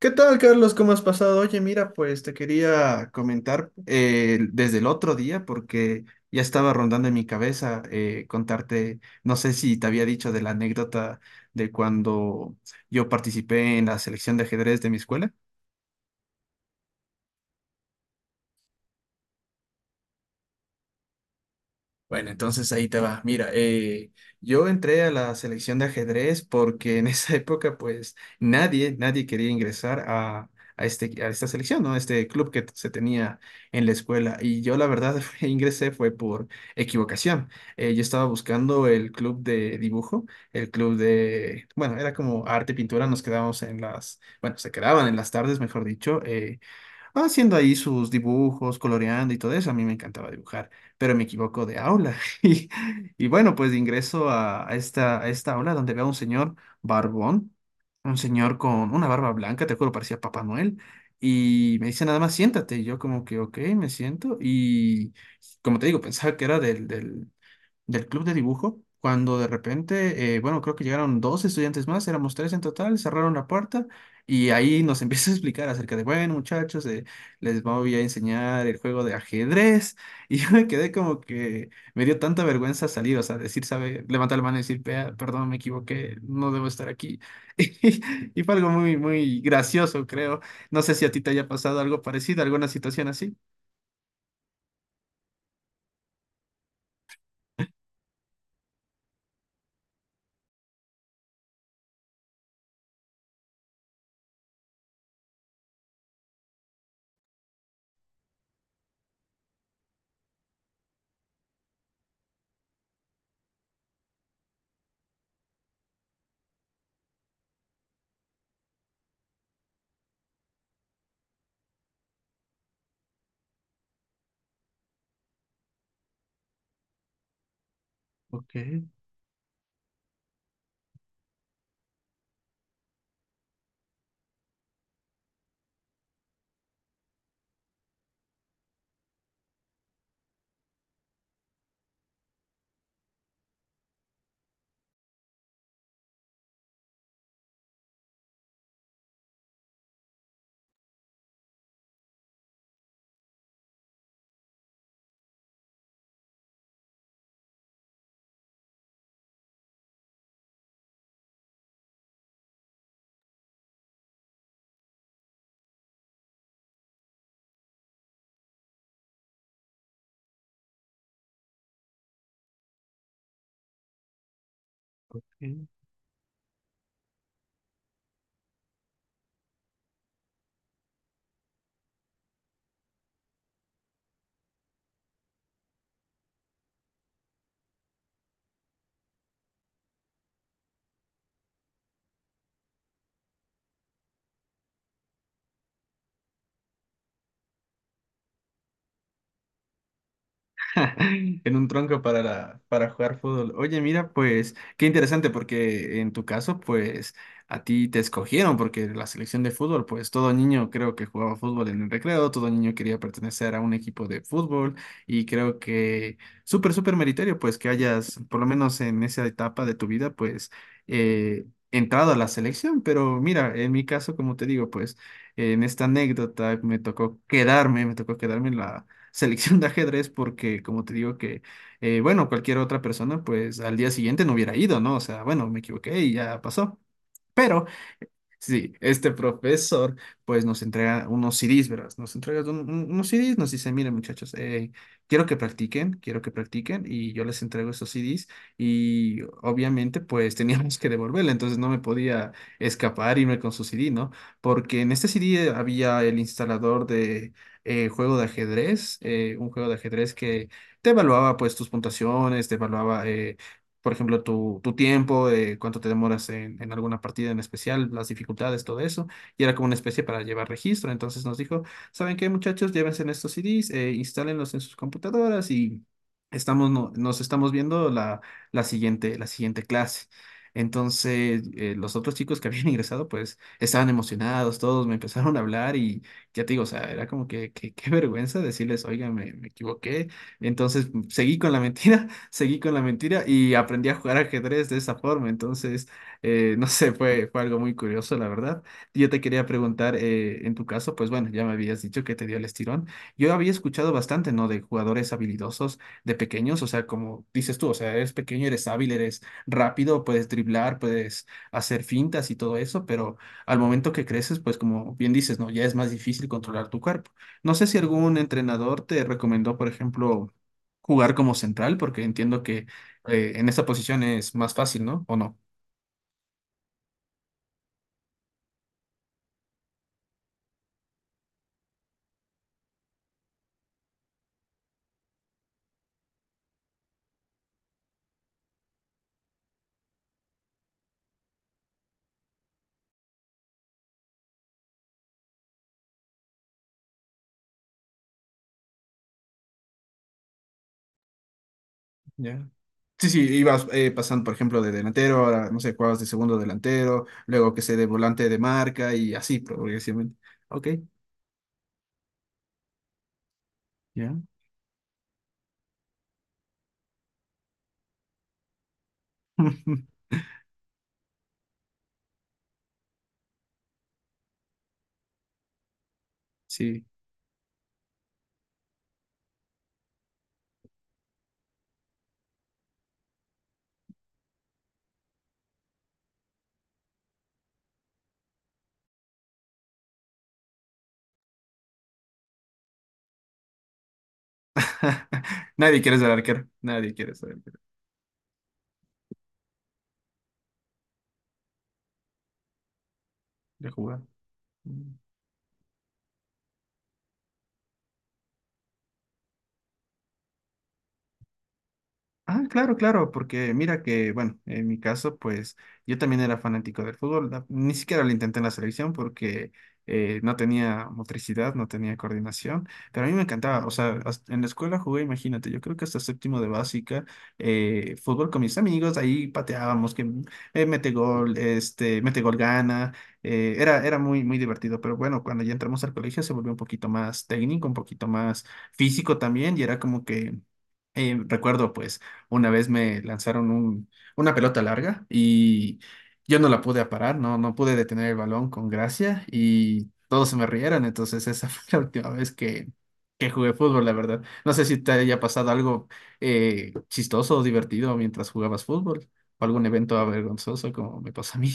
¿Qué tal, Carlos? ¿Cómo has pasado? Oye, mira, pues te quería comentar desde el otro día porque ya estaba rondando en mi cabeza, contarte, no sé si te había dicho de la anécdota de cuando yo participé en la selección de ajedrez de mi escuela. Bueno, entonces ahí te va. Mira, yo entré a la selección de ajedrez porque en esa época, pues, nadie quería ingresar a esta selección, ¿no? Este club que se tenía en la escuela. Y yo, la verdad, ingresé fue por equivocación. Yo estaba buscando el club de dibujo, el club de, bueno, era como arte pintura, nos quedábamos en las, bueno, se quedaban en las tardes, mejor dicho, haciendo ahí sus dibujos, coloreando y todo eso. A mí me encantaba dibujar, pero me equivoco de aula. Y, y bueno, pues ingreso a esta aula donde veo a un señor barbón, un señor con una barba blanca, te juro, parecía Papá Noel. Y me dice nada más, siéntate. Y yo como que, ok, me siento. Y como te digo, pensaba que era del club de dibujo, cuando de repente, bueno, creo que llegaron dos estudiantes más, éramos tres en total, cerraron la puerta y ahí nos empieza a explicar acerca de, bueno, muchachos, les voy a enseñar el juego de ajedrez. Y yo me quedé como que me dio tanta vergüenza salir, o sea, decir, sabe, levantar la mano y decir, "Vea, perdón, me equivoqué, no debo estar aquí". Y y fue algo muy, muy gracioso, creo. No sé si a ti te haya pasado algo parecido, alguna situación así. Ok, ok. En un tronco para, para jugar fútbol. Oye, mira, pues qué interesante porque en tu caso, pues a ti te escogieron porque la selección de fútbol, pues todo niño creo que jugaba fútbol en el recreo, todo niño quería pertenecer a un equipo de fútbol y creo que súper, súper meritorio, pues que hayas, por lo menos en esa etapa de tu vida, pues eh, entrado a la selección. Pero mira, en mi caso, como te digo, pues en esta anécdota me tocó me tocó quedarme en la selección de ajedrez porque, como te digo, que, bueno, cualquier otra persona, pues al día siguiente no hubiera ido, ¿no? O sea, bueno, me equivoqué y ya pasó. Pero sí, este profesor pues nos entrega unos CDs, ¿verdad? Nos entrega unos CDs, nos dice, miren muchachos, quiero que quiero que practiquen y yo les entrego esos CDs, y obviamente pues teníamos que devolverle, entonces no me podía escapar, irme con su CD, ¿no? Porque en este CD había el instalador de, juego de ajedrez, un juego de ajedrez que te evaluaba pues tus puntuaciones, te evaluaba, por ejemplo, tu tiempo, cuánto te demoras en alguna partida en especial, las dificultades, todo eso. Y era como una especie para llevar registro. Entonces nos dijo, ¿saben qué, muchachos? Llévense en estos CDs, instálenlos en sus computadoras y estamos, nos estamos viendo la, la siguiente clase. Entonces, los otros chicos que habían ingresado, pues, estaban emocionados, todos me empezaron a hablar y ya te digo, o sea, era como que, qué vergüenza decirles, oiga, me equivoqué. Entonces, seguí con la mentira, seguí con la mentira y aprendí a jugar ajedrez de esa forma. Entonces, no sé, fue algo muy curioso, la verdad. Yo te quería preguntar, en tu caso, pues bueno, ya me habías dicho que te dio el estirón. Yo había escuchado bastante, ¿no? De jugadores habilidosos de pequeños, o sea, como dices tú, o sea, eres pequeño, eres hábil, eres rápido, puedes driblar, puedes hacer fintas y todo eso, pero al momento que creces, pues como bien dices, ¿no? Ya es más difícil controlar tu cuerpo. No sé si algún entrenador te recomendó, por ejemplo, jugar como central, porque entiendo que en esa posición es más fácil, ¿no? ¿O no? Ya. Sí, sí, ibas pasando, por ejemplo, de delantero, a no sé, jugabas de segundo delantero, luego que sé, de volante de marca y así progresivamente. Ok, ya. Sí. Nadie quiere ser arquero, nadie quiere ser arquero de jugar. Ah, claro, claro, porque mira que, bueno, en mi caso, pues yo también era fanático del fútbol. Ni siquiera lo intenté en la selección porque no tenía motricidad, no tenía coordinación, pero a mí me encantaba. O sea, en la escuela jugué, imagínate, yo creo que hasta séptimo de básica, fútbol con mis amigos, ahí pateábamos, que mete gol, este, mete gol gana. Era muy, muy divertido, pero bueno, cuando ya entramos al colegio se volvió un poquito más técnico, un poquito más físico también, y era como que recuerdo pues una vez me lanzaron una pelota larga y yo no la pude aparar, no, no pude detener el balón con gracia y todos se me rieron. Entonces esa fue la última vez que jugué fútbol, la verdad. No sé si te haya pasado algo chistoso o divertido mientras jugabas fútbol o algún evento avergonzoso como me pasó a mí.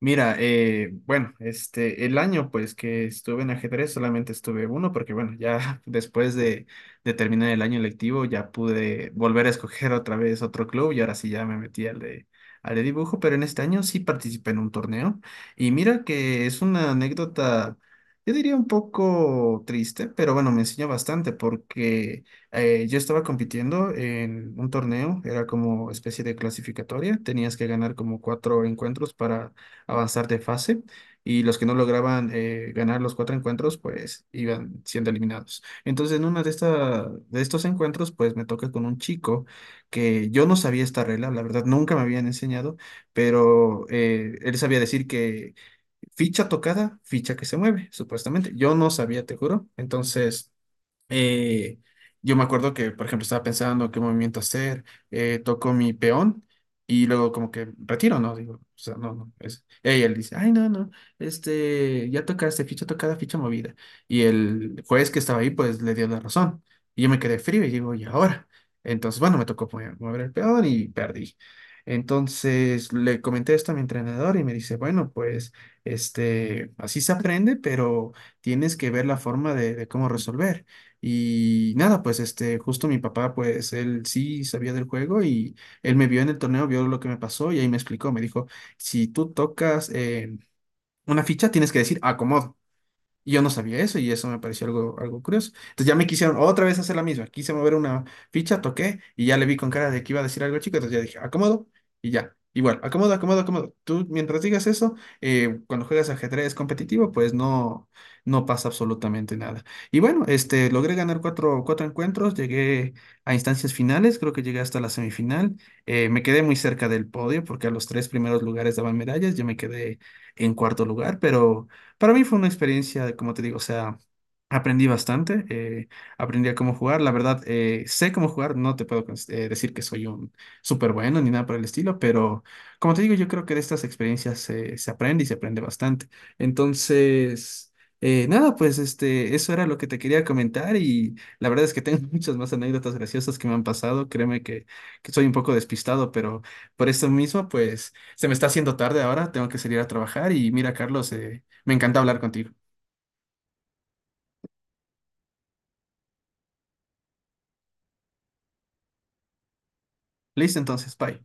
Mira, bueno, este, el año pues que estuve en ajedrez solamente estuve uno porque bueno, ya después de terminar el año lectivo ya pude volver a escoger otra vez otro club y ahora sí ya me metí al de dibujo, pero en este año sí participé en un torneo y mira que es una anécdota, yo diría un poco triste, pero bueno, me enseñó bastante porque, yo estaba compitiendo en un torneo, era como especie de clasificatoria, tenías que ganar como cuatro encuentros para avanzar de fase y los que no lograban, ganar los cuatro encuentros, pues iban siendo eliminados. Entonces, en una de de estos encuentros, pues me toca con un chico que yo no sabía esta regla, la verdad nunca me habían enseñado, pero él sabía decir que ficha tocada, ficha que se mueve, supuestamente. Yo no sabía, te juro. Entonces Eh, yo me acuerdo que, por ejemplo, estaba pensando qué movimiento hacer, toco mi peón y luego como que retiro, ¿no? Digo, o sea, no, no, es. Y él dice, ay, no, no, este, ya tocaste, ficha tocada, ficha movida. Y el juez que estaba ahí, pues, le dio la razón. Y yo me quedé frío y digo, ¿y ahora? Entonces, bueno, me tocó mover el peón y perdí. Entonces, le comenté esto a mi entrenador y me dice, bueno, pues, este, así se aprende, pero tienes que ver la forma de cómo resolver. Y nada, pues este, justo mi papá, pues él sí sabía del juego y él me vio en el torneo, vio lo que me pasó y ahí me explicó, me dijo, si tú tocas, una ficha, tienes que decir acomodo. Y yo no sabía eso y eso me pareció algo, algo curioso. Entonces ya me quisieron otra vez hacer la misma. Quise mover una ficha, toqué y ya le vi con cara de que iba a decir algo chico. Entonces ya dije, acomodo y ya. Igual, acomodo, acomodo, acomodo. Tú mientras digas eso, cuando juegas ajedrez competitivo, pues no, no pasa absolutamente nada. Y bueno, este, logré ganar cuatro encuentros, llegué a instancias finales, creo que llegué hasta la semifinal. Me quedé muy cerca del podio porque a los tres primeros lugares daban medallas, yo me quedé en cuarto lugar, pero para mí fue una experiencia, como te digo, o sea, aprendí bastante, aprendí a cómo jugar, la verdad, sé cómo jugar, no te puedo decir que soy un súper bueno ni nada por el estilo, pero como te digo, yo creo que de estas experiencias, se aprende y se aprende bastante. Entonces, nada, pues este, eso era lo que te quería comentar y la verdad es que tengo muchas más anécdotas graciosas que me han pasado, créeme que soy un poco despistado, pero por eso mismo, pues se me está haciendo tarde ahora, tengo que salir a trabajar y mira, Carlos, me encanta hablar contigo. Listo, entonces, bye.